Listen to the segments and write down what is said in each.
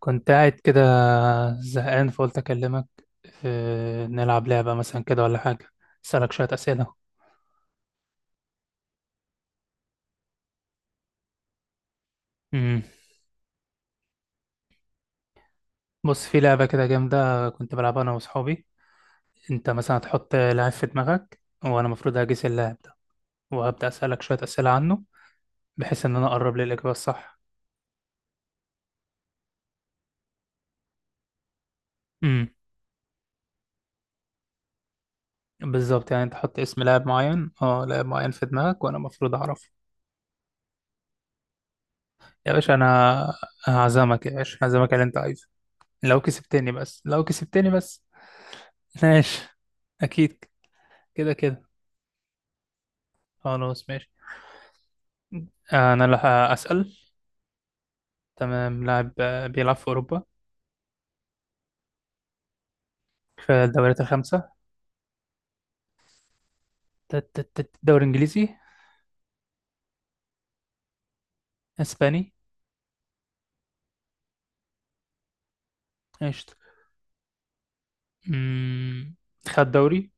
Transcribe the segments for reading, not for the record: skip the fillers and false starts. كنت قاعد كده، زهقان، فقلت أكلمك. نلعب لعبة مثلا كده ولا حاجة، أسألك شوية أسئلة. مم. بص، في لعبة كده جامدة كنت بلعبها أنا وأصحابي. أنت مثلا هتحط لاعب في دماغك وأنا المفروض هجيس اللاعب ده، وهبدأ أسألك شوية أسئلة عنه، بحيث إن أنا أقرب للإجابة الصح. مم. بالظبط، يعني أنت حط اسم لاعب معين في دماغك وأنا المفروض أعرفه. يا باشا أنا، هعزمك يا باشا، هعزمك على اللي أنت عايزه، لو كسبتني بس، لو كسبتني بس. ماشي. أكيد كده كده. خلاص ماشي، انا اللي هسأل. تمام، لاعب بيلعب في اوروبا، في الدوريات الخمسة. دوري انجليزي؟ اسباني؟ قشطة. مم، خد دوري.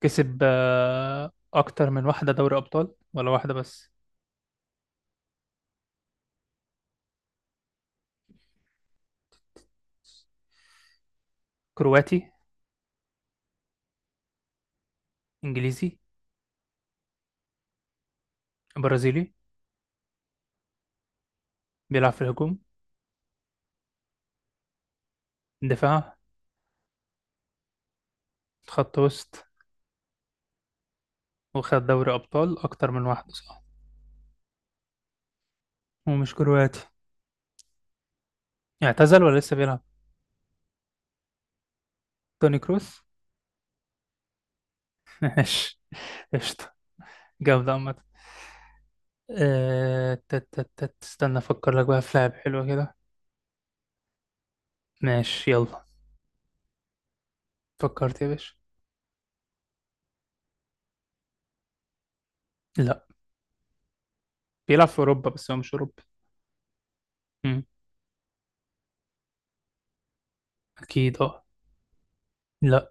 كسب اكتر من واحدة دوري ابطال ولا واحدة بس؟ كرواتي؟ انجليزي؟ برازيلي؟ بيلعب في الهجوم؟ دفاع؟ خط وسط؟ وخد دوري ابطال اكتر من واحدة، صح؟ ومش كرواتي. اعتزل ولا لسه بيلعب؟ توني كروس. ماشي، قشطة، جامدة عامة. آه، تت تت تت استنى افكر لك بقى في لعب حلوة كده. ماشي يلا. فكرت يا باشا. لا، بيلعب في اوروبا بس هو مش اوروبي. مم. اكيد اه. لا.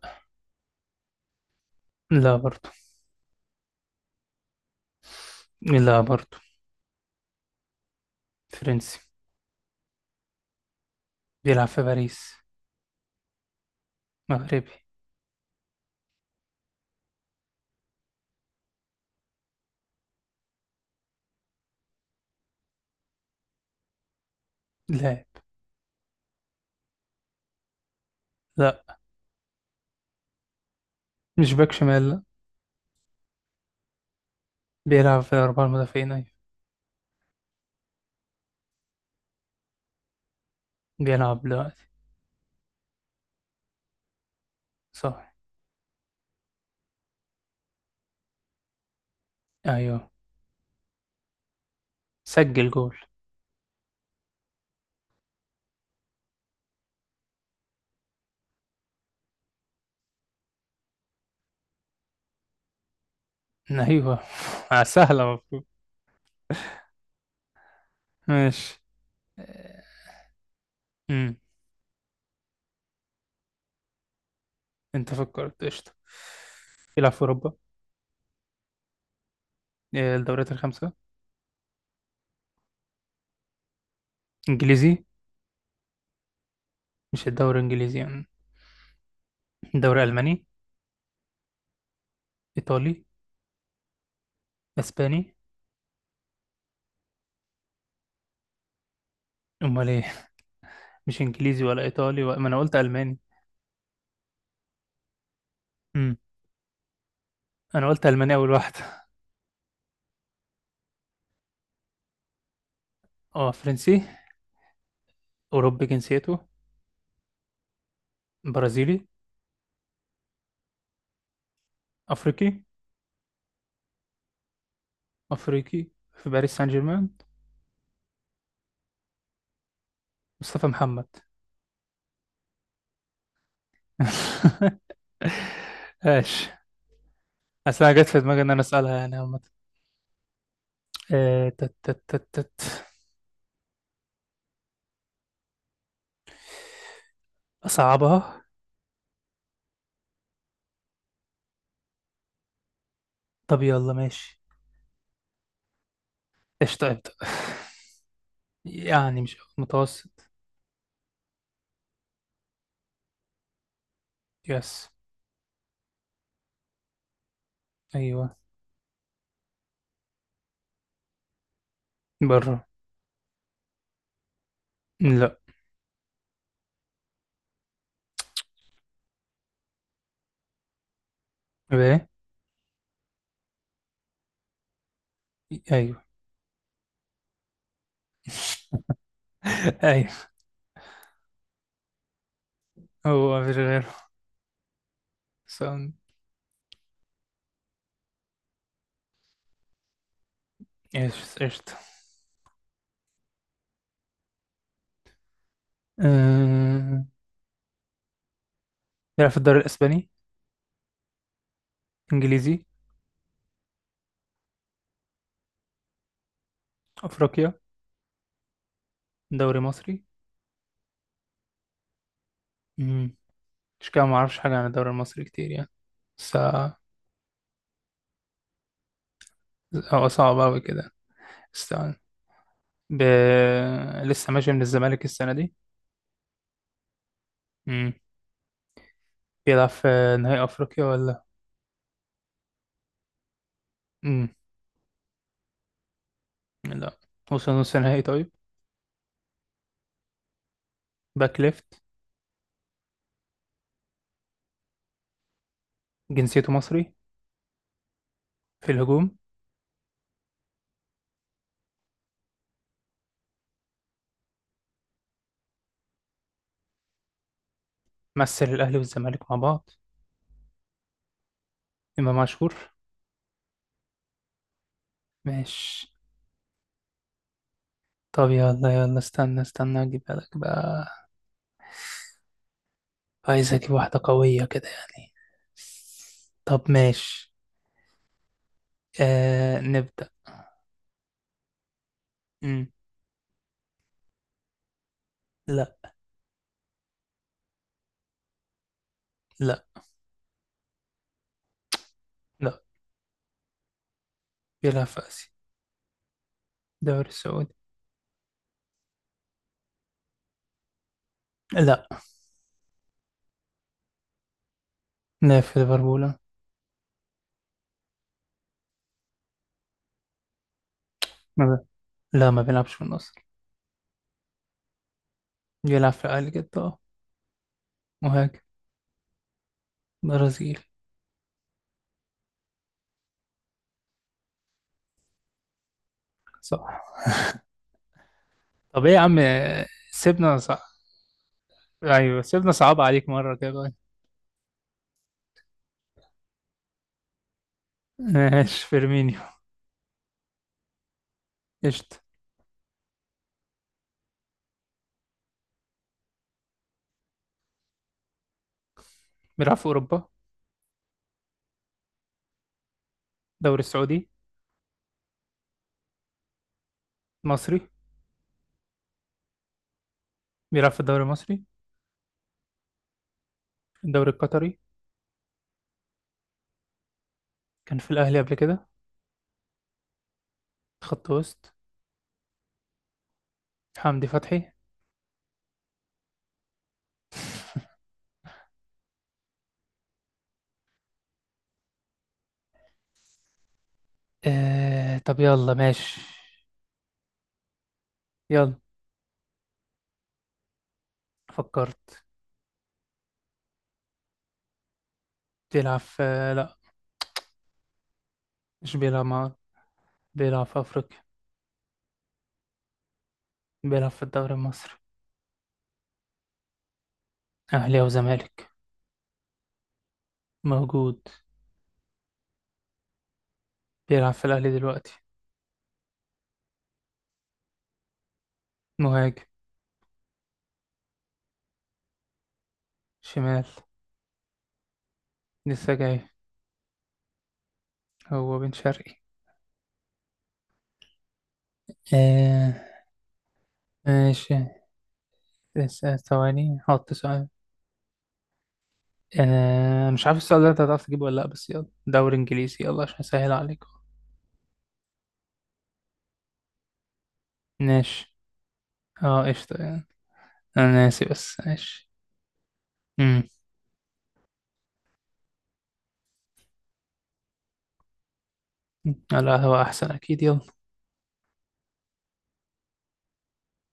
لا برضو. لا برضو. فرنسي. بيلعب في باريس. مغربي. لاعب. لا، مش باك شمال، لا. بيلعب في اربعة المدافعين، ايوه. بيلعب دلوقتي. صح. ايوه. سجل جول. ايوه. سهلة المفروض. ماشي. آه. مم. انت فكرت، قشطة. بيلعب في اوروبا. الدوريات الخمسة. انجليزي؟ مش الدوري الانجليزي يعني. الدوري الماني؟ ايطالي؟ اسباني؟ امال ايه؟ مش انجليزي ولا ايطالي ما انا قلت الماني. امم. انا قلت الماني اول واحد. اه فرنسي. اوروبي جنسيته؟ برازيلي؟ افريقي. افريقي في باريس سان جيرمان؟ مصطفى محمد؟ ماشي. اصل انا جت في دماغي ان انا اسالها يعني عامه. آه، تت تت تت تت. اصعبها. طب يلا ماشي. قشطه ابدا. يعني مش متوسط. يس. ايوه. بره. لا. بايه؟ ايوه. ايوه. هو مفيش غيره. ساوند. ايش قشطة. أه... بيلعب في الدوري الاسباني؟ انجليزي؟ افريقيا؟ دوري مصري. امم. مش كده، ما اعرفش حاجه عن الدوري المصري كتير يعني، بس. هو صعب اوي كده. استنى. ب... لسه ماشي من الزمالك السنه دي؟ امم. بيلعب في نهائي افريقيا ولا؟ امم. لا. وصل نص نهائي، طيب. باك ليفت؟ جنسيته مصري. في الهجوم. مثل الأهلي والزمالك مع بعض. إمام عاشور. ماشي. طب يلا يلا، استنى استنى أجيبها لك بقى. عايز أجيب واحدة قوية كده يعني. طب ماشي. آه نبدأ. مم. لا. لا. لا. بيلعب في آسيا. دوري السعودي. لا. لا في ليفربول. ما بي- لا، ما بيلعبش في النصر. بيلعب في أهلي جدة، اه. مهاجم. برازيل. صح. طب ايه يا عم سيبنا صح؟ ايوه سيبنا، صعب عليك مرة كده. ماشي، فيرمينيو. قشطة. بيلعب في أوروبا؟ الدوري السعودي؟ مصري. بيلعب في الدوري المصري؟ الدوري القطري. كان في الأهلي قبل كده. خط وسط. حمدي فتحي. آه طب يلا ماشي. يلا. فكرت. بيلعب في. لا، مش بيلعب مع. بيلعب في أفريقيا. بيلعب في الدوري المصري. أهلي أو زمالك. موجود. بيلعب في الأهلي دلوقتي. مهاجم. شمال. لسه جاي. هو بن شرقي. آه. ماشي. لسه ثواني، حط سؤال. مش عارف السؤال ده انت هتعرف تجيبه ولا لا، بس يلا دوري انجليزي يلا عشان اسهل عليكم. ماشي، اه قشطة يعني. انا ناسي بس ماشي. امم. لا هو احسن اكيد، يلا.